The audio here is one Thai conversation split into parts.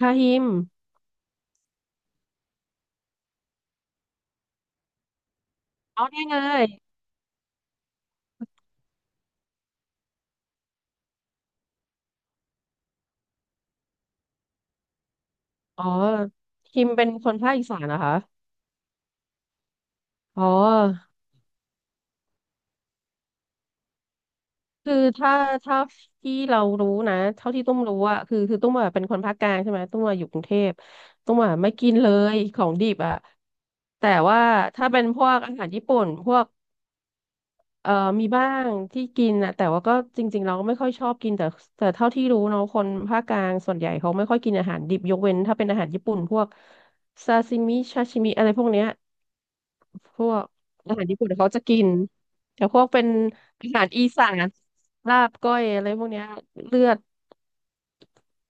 ฮาฮิมเอาได้ไงอ๋อฮิมเป็นคนภาคอีสานนะคะอ๋อ คือถ้าถ้าที่เรารู้นะ เท่าที่ตุ้มรู้อะคือตุ้มอะเป็นคนภาคกลางใช่ไหม ตุ้มอะอยู่กรุงเทพตุ้มอะไม่กินเลยของดิบอะแต่ว่าถ้าเป็นพวกอาหารญี่ปุ่นพวกเอ่อมีบ้างที่กินอะแต่ว่าก็จริงๆเราก็ไม่ค่อยชอบกินแต่เท่าที่รู้เนาะคนภาคกลางส่วนใหญ่เขาไม่ค่อยกินอาหารดิบยกเว้นถ้าเป็นอาหารญี่ปุ่นพวกซาซิมิชาชิมิอะไรพวกเนี้ย พวกอาหารญี่ปุ่นเขาจะกินแต่พวกเป็นอาหารอีสานลาบก้อยอะไรพวกเนี้ยเลือด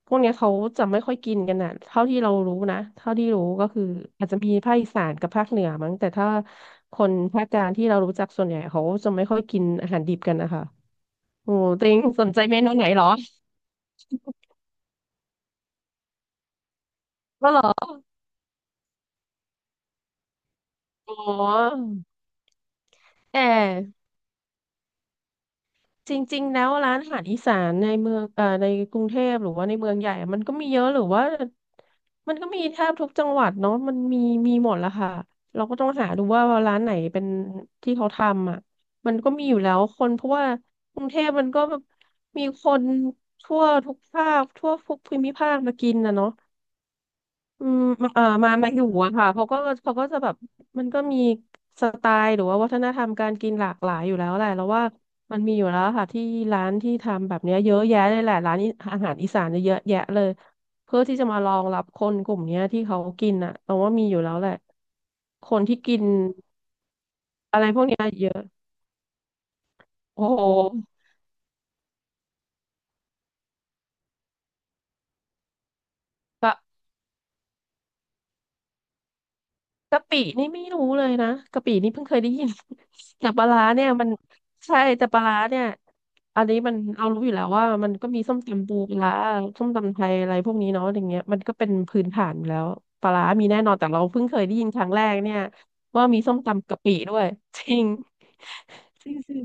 พวกเนี้ยเขาจะไม่ค่อยกินกันอ่ะเท่าที่เรารู้นะเท่าที่รู้ก็คืออาจจะมีภาคอีสานกับภาคเหนือมั้งแต่ถ้าคนภาคกลางที่เรารู้จักส่วนใหญ่เขาจะไม่ค่อยกินอาหารดิบกันนะคะโอ้ติงสนใจเมนูไหนเหรอก็เหรออ๋อแอ จริงๆ แล้วร้านอาหารอีสานในเมืองในกรุงเทพหรือว่าในเมืองใหญ่อะมันก็มีเยอะหรือว่ามันก็มีแทบทุกจังหวัดเนาะมันมีมีหมดแล้วค่ะเราก็ต้องหาดูว่าร้านไหนเป็นที่เขาทำอ่ะมันก็มีอยู่แล้วคนเพราะว่ากรุงเทพมันก็มีคนทั่วทุกภาคทั่วทุกภูมิภาคมากินนะเนาะ อืมมาอยู่อะค่ะเขาก็จะแบบมันก็มีสไตล์หรือว่าวัฒนธรรมการกินหลากหลายอยู่แล้วแหละแล้วว่ามันมีอยู่แล้วค่ะที่ร้านที่ทำแบบเนี้ยเยอะแยะเลยแหละร้านนี้อาหารอีสานเนี่ยเยอะแยะเลยเพื่อที่จะมารองรับคนกลุ่มเนี้ยที่เขากินอะแต่ว่ามีอยู่แล้วแหละคนที่กินโอ้โห กะปินี่ไม่รู้เลยนะกะปินี่เพิ่งเคยได้ยิน แต่ปลาร้าเนี่ยมันใช่แต่ปลาร้าเนี่ยอันนี้มันเอารู้อยู่แล้วว่ามันก็มีส้มตำปูปลาร้าส้มตำไทยอะไรพวกนี้เนาะอย่างเงี้ยมันก็เป็นพื้นฐานอยู่แล้วปลาร้ามีแน่นอนแต่เราเพิ่งเคยได้ยินครั้งแรกเนี่ยว่ามีส้มตำกะปิด้วย จริง จริงจริง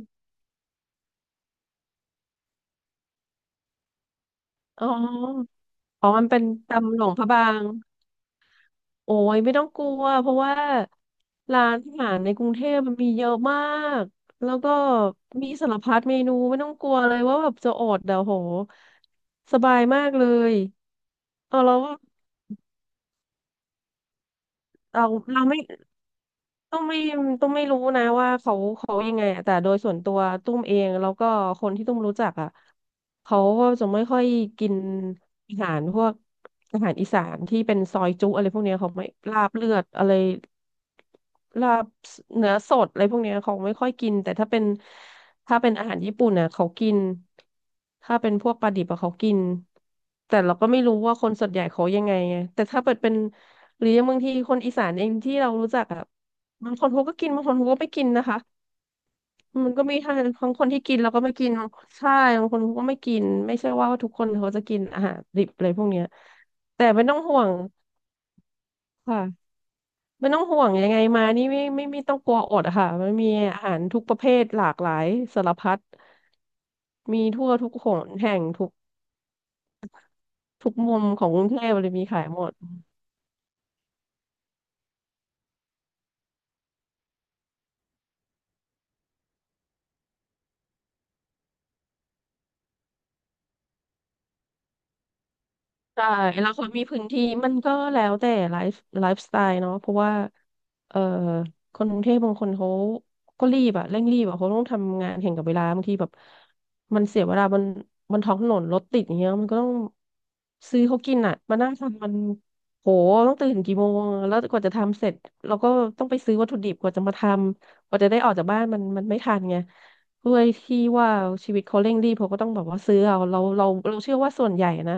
อ๋ออ๋อมันเป็นตำหลวงพระบาง โอ้ยไม่ต้องกลัวเพราะว่าร้านอาหารในกรุงเทพมันมีเยอะมากแล้วก็มีสารพัดเมนูไม่ต้องกลัวเลยว่าแบบจะอดเดี๋ยวโหสบายมากเลยเออเราเราไม่ ตุ้มไม่ตุ้มไม่รู้นะว่าเขายังไงอะแต่โดยส่วนตัวตุ้มเองแล้วก็คนที่ตุ้มรู้จักอ่ะเขาก็จะไม่ค่อยกินอาหารพวกอาหารอีสานที่เป็นซอยจุอะไรพวกเนี้ยเขาไม่ลาบเลือดอะไรลาบเนื้อสดอะไรพวกเนี้ยเขาไม่ค่อยกินแต่ถ้าเป็นถ้าเป็นอาหารญี่ปุ่นน่ะเขากินถ้าเป็นพวกปลาดิบอะเขากินแต่เราก็ไม่รู้ว่าคนส่วนใหญ่เขายังไงไงแต่ถ้าเปิดเป็นหรือยังบางทีคนอีสานเองที่เรารู้จักอะ บางคนเขาก็กินบางคนเขาก็ไม่กินนะคะมันก็มีทั้งคนที่กินแล้วก็ไม่กินใช่บางคนเขาก็ไม่กินไม่ใช่ว่าทุกคนเขาจะกินอาหารดิบอะไรพวกเนี้ยแต่ไม่ต้องห่วงค่ะไม่ต้องห่วงยังไงมานี่ไม่ต้องกลัวอดอะค่ะมันมีอาหารทุกประเภทหลากหลายสารพัดมีทั่วทุกหนแห่งทุกทุกมุมของกรุงเทพเลยมีขายหมด ใช่แล้วเขามีพื้นที่มันก็แล้วแต่ไลฟ์สไตล์เนาะเพราะว่าเอ่อคนกรุงเทพบางคนเขาก็รีบอะเร่งรีบอะเขาต้องทำงานแข่งกับเวลาบางทีแบบมันเสียเวลาบนท้องถนนรถติดอย่างเงี้ยมันก็ต้องซื้อเขากินอะมานั่งทำมันโหต้องตื่นกี่โมงแล้วกว่าจะทำเสร็จเราก็ต้องไปซื้อวัตถุดิบกว่าจะมาทำกว่าจะได้ออกจากบ้านมันไม่ทันไง ด้วยที่ว่าชีวิตเขาเร่งรีบเขาก็ต้องแบบว่าซื้อเอาเราเชื่อว่าส่วนใหญ่นะ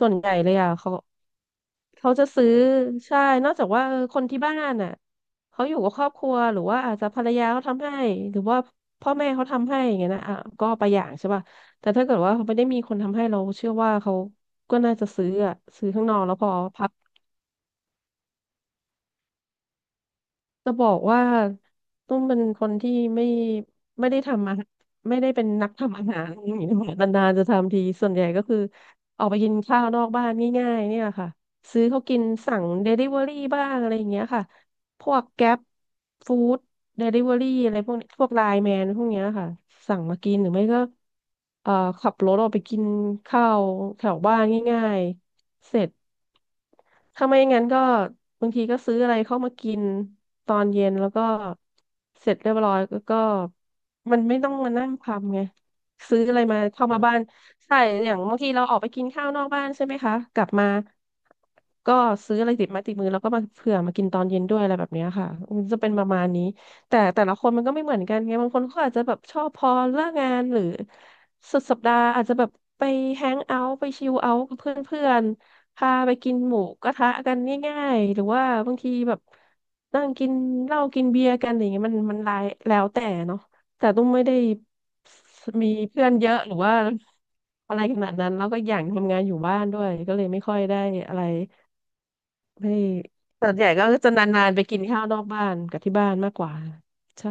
ส่วนใหญ่เลยอ่ะเขาจะซื้อใช่นอกจากว่าเออคนที่บ้านอ่ะเขาอยู่กับครอบครัวหรือว่าอาจจะภรรยาเขาทำให้หรือว่าพ่อแม่เขาทำให้อย่างเงี้ยนะอ่ะก็ไปอย่างใช่ป่ะแต่ถ้าเกิดว่าเขาไม่ได้มีคนทำให้เราเชื่อว่าเขาก็น่าจะซื้ออ่ะซื้อข้างนอกแล้วพอพัก จะบอกว่าตุ้มเป็นคนที่ไม่ได้ทำอาหารไม่ได้เป็นนักทำอาหารอย่างนี้นะคะนานๆจะทำทีส่วนใหญ่ก็คือออกไปกินข้าวนอกบ้านง่ายๆเนี่ยค่ะซื้อเขากินสั่งเดลิเวอรี่บ้างอะไรอย่างเงี้ยค่ะพวกแก๊ปฟู้ดเดลิเวอรี่อะไรพวกนี้พวกไลน์แมนพวกเนี้ยค่ะสั่งมากินหรือไม่ก็เอ่อขับรถออกไปกินข้าวแถวบ้านง่ายๆ เสร็จถ้าไม่งั้นก็บางทีก็ซื้ออะไรเข้ามากินตอนเย็นแล้วก็เสร็จเรียบร้อยแล้วก็มันไม่ต้องมานั่งทำไงซื้ออะไรมาเข้ามาบ้านใช่อย่างบางทีเราออกไปกินข้าวนอกบ้านใช่ไหมคะกลับมาก็ซื้ออะไรติดไม้ติดมือแล้วก็มาเผื่อมากินตอนเย็นด้วยอะไรแบบเนี้ยค่ะมันจะเป็นประมาณนี้แต่แต่ละคนมันก็ไม่เหมือนกันไงบางคนเขาอาจจะแบบชอบพอเลิกงานหรือสุดสัปดาห์อาจจะแบบไปแฮงเอาท์ไปชิลเอาท์กับเพื่อนๆ พาไปกินหมูกระทะกันง่ายๆหรือว่าบางทีแบบนั่งกินเหล้ากินเบียร์กันอะไรย่างเงี้ยมันหลายแล้วแต่เนาะแต่ตุ้มไม่ได้มีเพื่อนเยอะหรือว่าอะไรขนาดนั้นแล้วก็อย่างทำงานอยู่บ้านด้วยก็เลยไม่ค่อยได้อะไรไม่ส่วนใหญ่ก็จะนานๆไปกินข้าวนอกบ้านกับที่บ้านมากกว่าใช่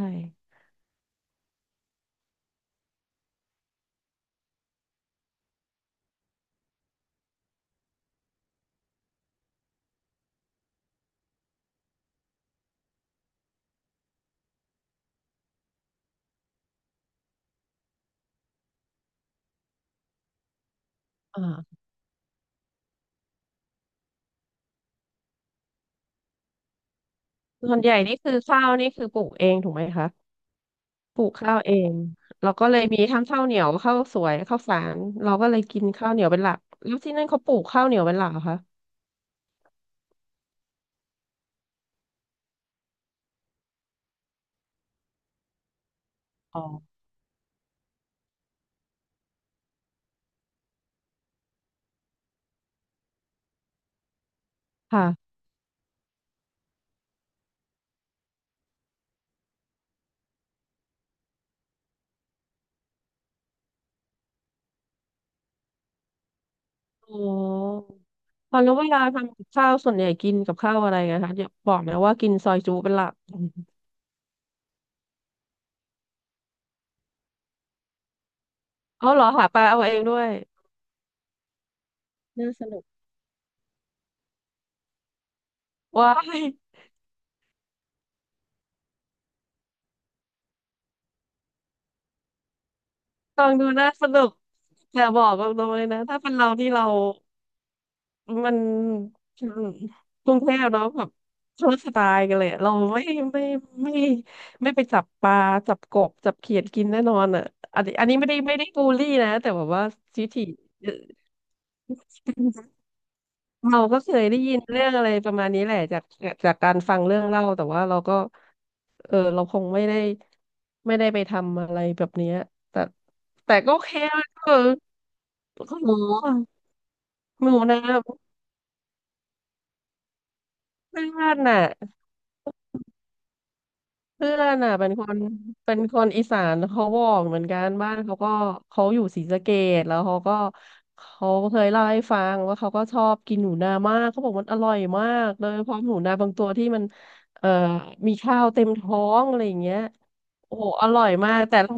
อ่าส่วนใหญ่นี่คือข้าวนี่คือปลูกเองถูกไหมคะ ปลูกข้าวเองเราก็เลยมีทั้งข้าวเหนียวข้าวสวยข้าวฝานเราก็เลยกินข้าวเหนียวเป็นหลักแล้วที่นั่นเขาปลูกข้าวเหนียวเป็นหลักเหรอคะอ๋อค่ะอ๋อตอนแล้วเวลาทำกับข้าวส่วนใหญ่กินกับข้าวอะไรนะคะอย่าบอกนะว่ากินซอยจุเป็นหลักเอาเหรอหาปลาเอาเองด้วยน่าสนุกว้ายฟองดูน่าสนุกแต่บอกตรงๆเลยนะถ้าเป็นเราที่เรา มันกรุงเทพเนาะแบบคนละสไตล์กันเลยอะเราไม่ไม่ไม่ไปจับปลาจับกบจับเขียดกินแน่นอนอ่ะอันนี้ไม่ได้บูลลี่นะแต่แบบว่าวิถี เราก็เคยได้ยินเรื่องอะไรประมาณนี้แหละจากการฟังเรื่องเล่าแต่ว่าเราก็เออเราคงไม่ได้ไปทำอะไรแบบเนี้ยแต่แต่ก็โอเคนะก็เออโอ้โหหนูนะเพื่อนน่ะ เพื่อนอ่ะเป็นคนอีสานเขาบอกเหมือนกันบ้านเขาก็เขาอยู่ศรีสะเกษแล้วเขาก็เขาเคยเล่าให้ฟังว่าเขาก็ชอบกินหนูนามากเขาบอกมันอร่อยมากโดยเฉพาะหนูนาบางตัวที่มันเอ่อมีข้าวเต็มท้องอะไรอย่างเงี้ยโอ้โหอร่อยมากแต่เรา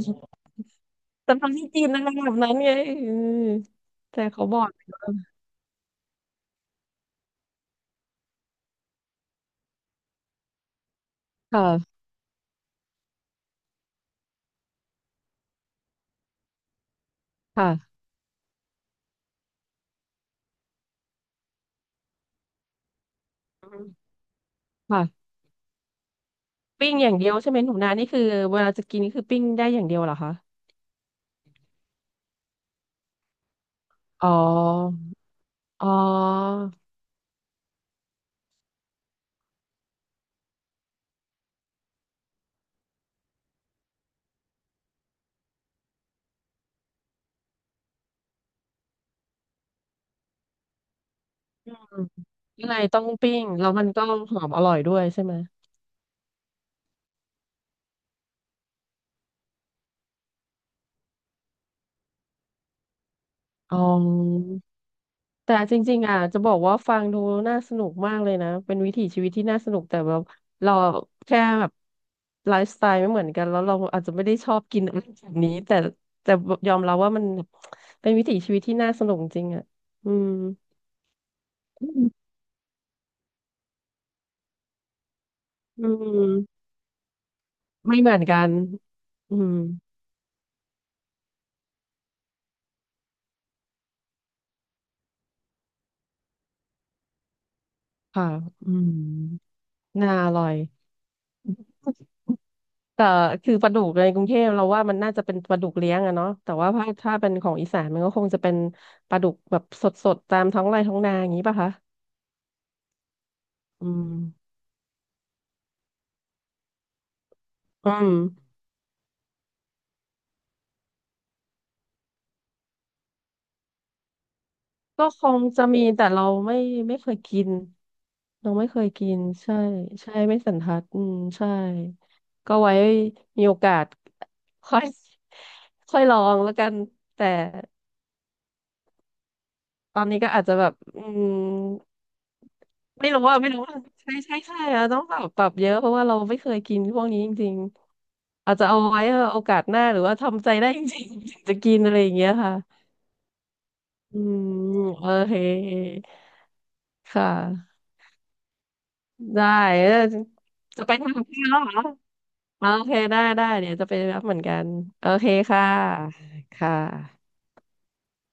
แต่เราไม่กินอะไรแบบนั้นไงอืมแต่เขาบอกค่ะค่ะค่ะปิ้งอย่างเดียวใช่ไหมหนูนานี่คือเวลาจะกินนี่คือปิ้งได้อย่างเดียวเหรอคะอ๋อ อ๋ออืมยังไงต้องปิ้งแล้วมันก็หอมอร่อยด้วยใช่ไหมอ๋อแต่จริงๆอ่ะจะบอกว่าฟังดูน่าสนุกมากเลยนะเป็นวิถีชีวิตที่น่าสนุกแต่แบบเราแค่แบบไลฟ์สไตล์ไม่เหมือนกันแล้วเราอาจจะไม่ได้ชอบกินอะไรแบบนี้แต่ยอมรับว่ามันเป็นวิถีชีวิตที่น่าสนุกจริงอ่ะอืมอืมไม่เหมือนกันอืมค่ะอืมน่าอร่อย แต่คือปลาดุกในกรุงเทพเราว่ามันน่าจะเป็นปลาดุกเลี้ยงอะเนาะแต่ว่าถ้าเป็นของอีสานมันก็คงจะเป็นปลาดุกแบบสดๆตามท้องไร่ท้องนาอย่างนี้ป่ะคะอืมอืมก็คงจะมีแต่เราไม่เคยกินเราไม่เคยกินใช่ใช่ไม่สันทัดอืมใช่ก็ไว้มีโอกาสค่อย ค่อยลองแล้วกันแต่ ตอนนี้ก็อาจจะแบบอืมไม่รู้ว่าใช่ใช่ใช่อะต้องปรับเยอะเพราะว่าเราไม่เคยกินพวกนี้จริงๆอาจจะเอาไว้เออโอกาสหน้าหรือว่าทำใจได้จริงๆถึงจะกินอะไรอย่างเงี้ยค่ะอืมโอเคค่ะได้เออจะไปทำกับข้าววเหรอโอเคได้ได้เดี๋ยวจะไปรับเหมือนกันโอเคค่ะค่ะ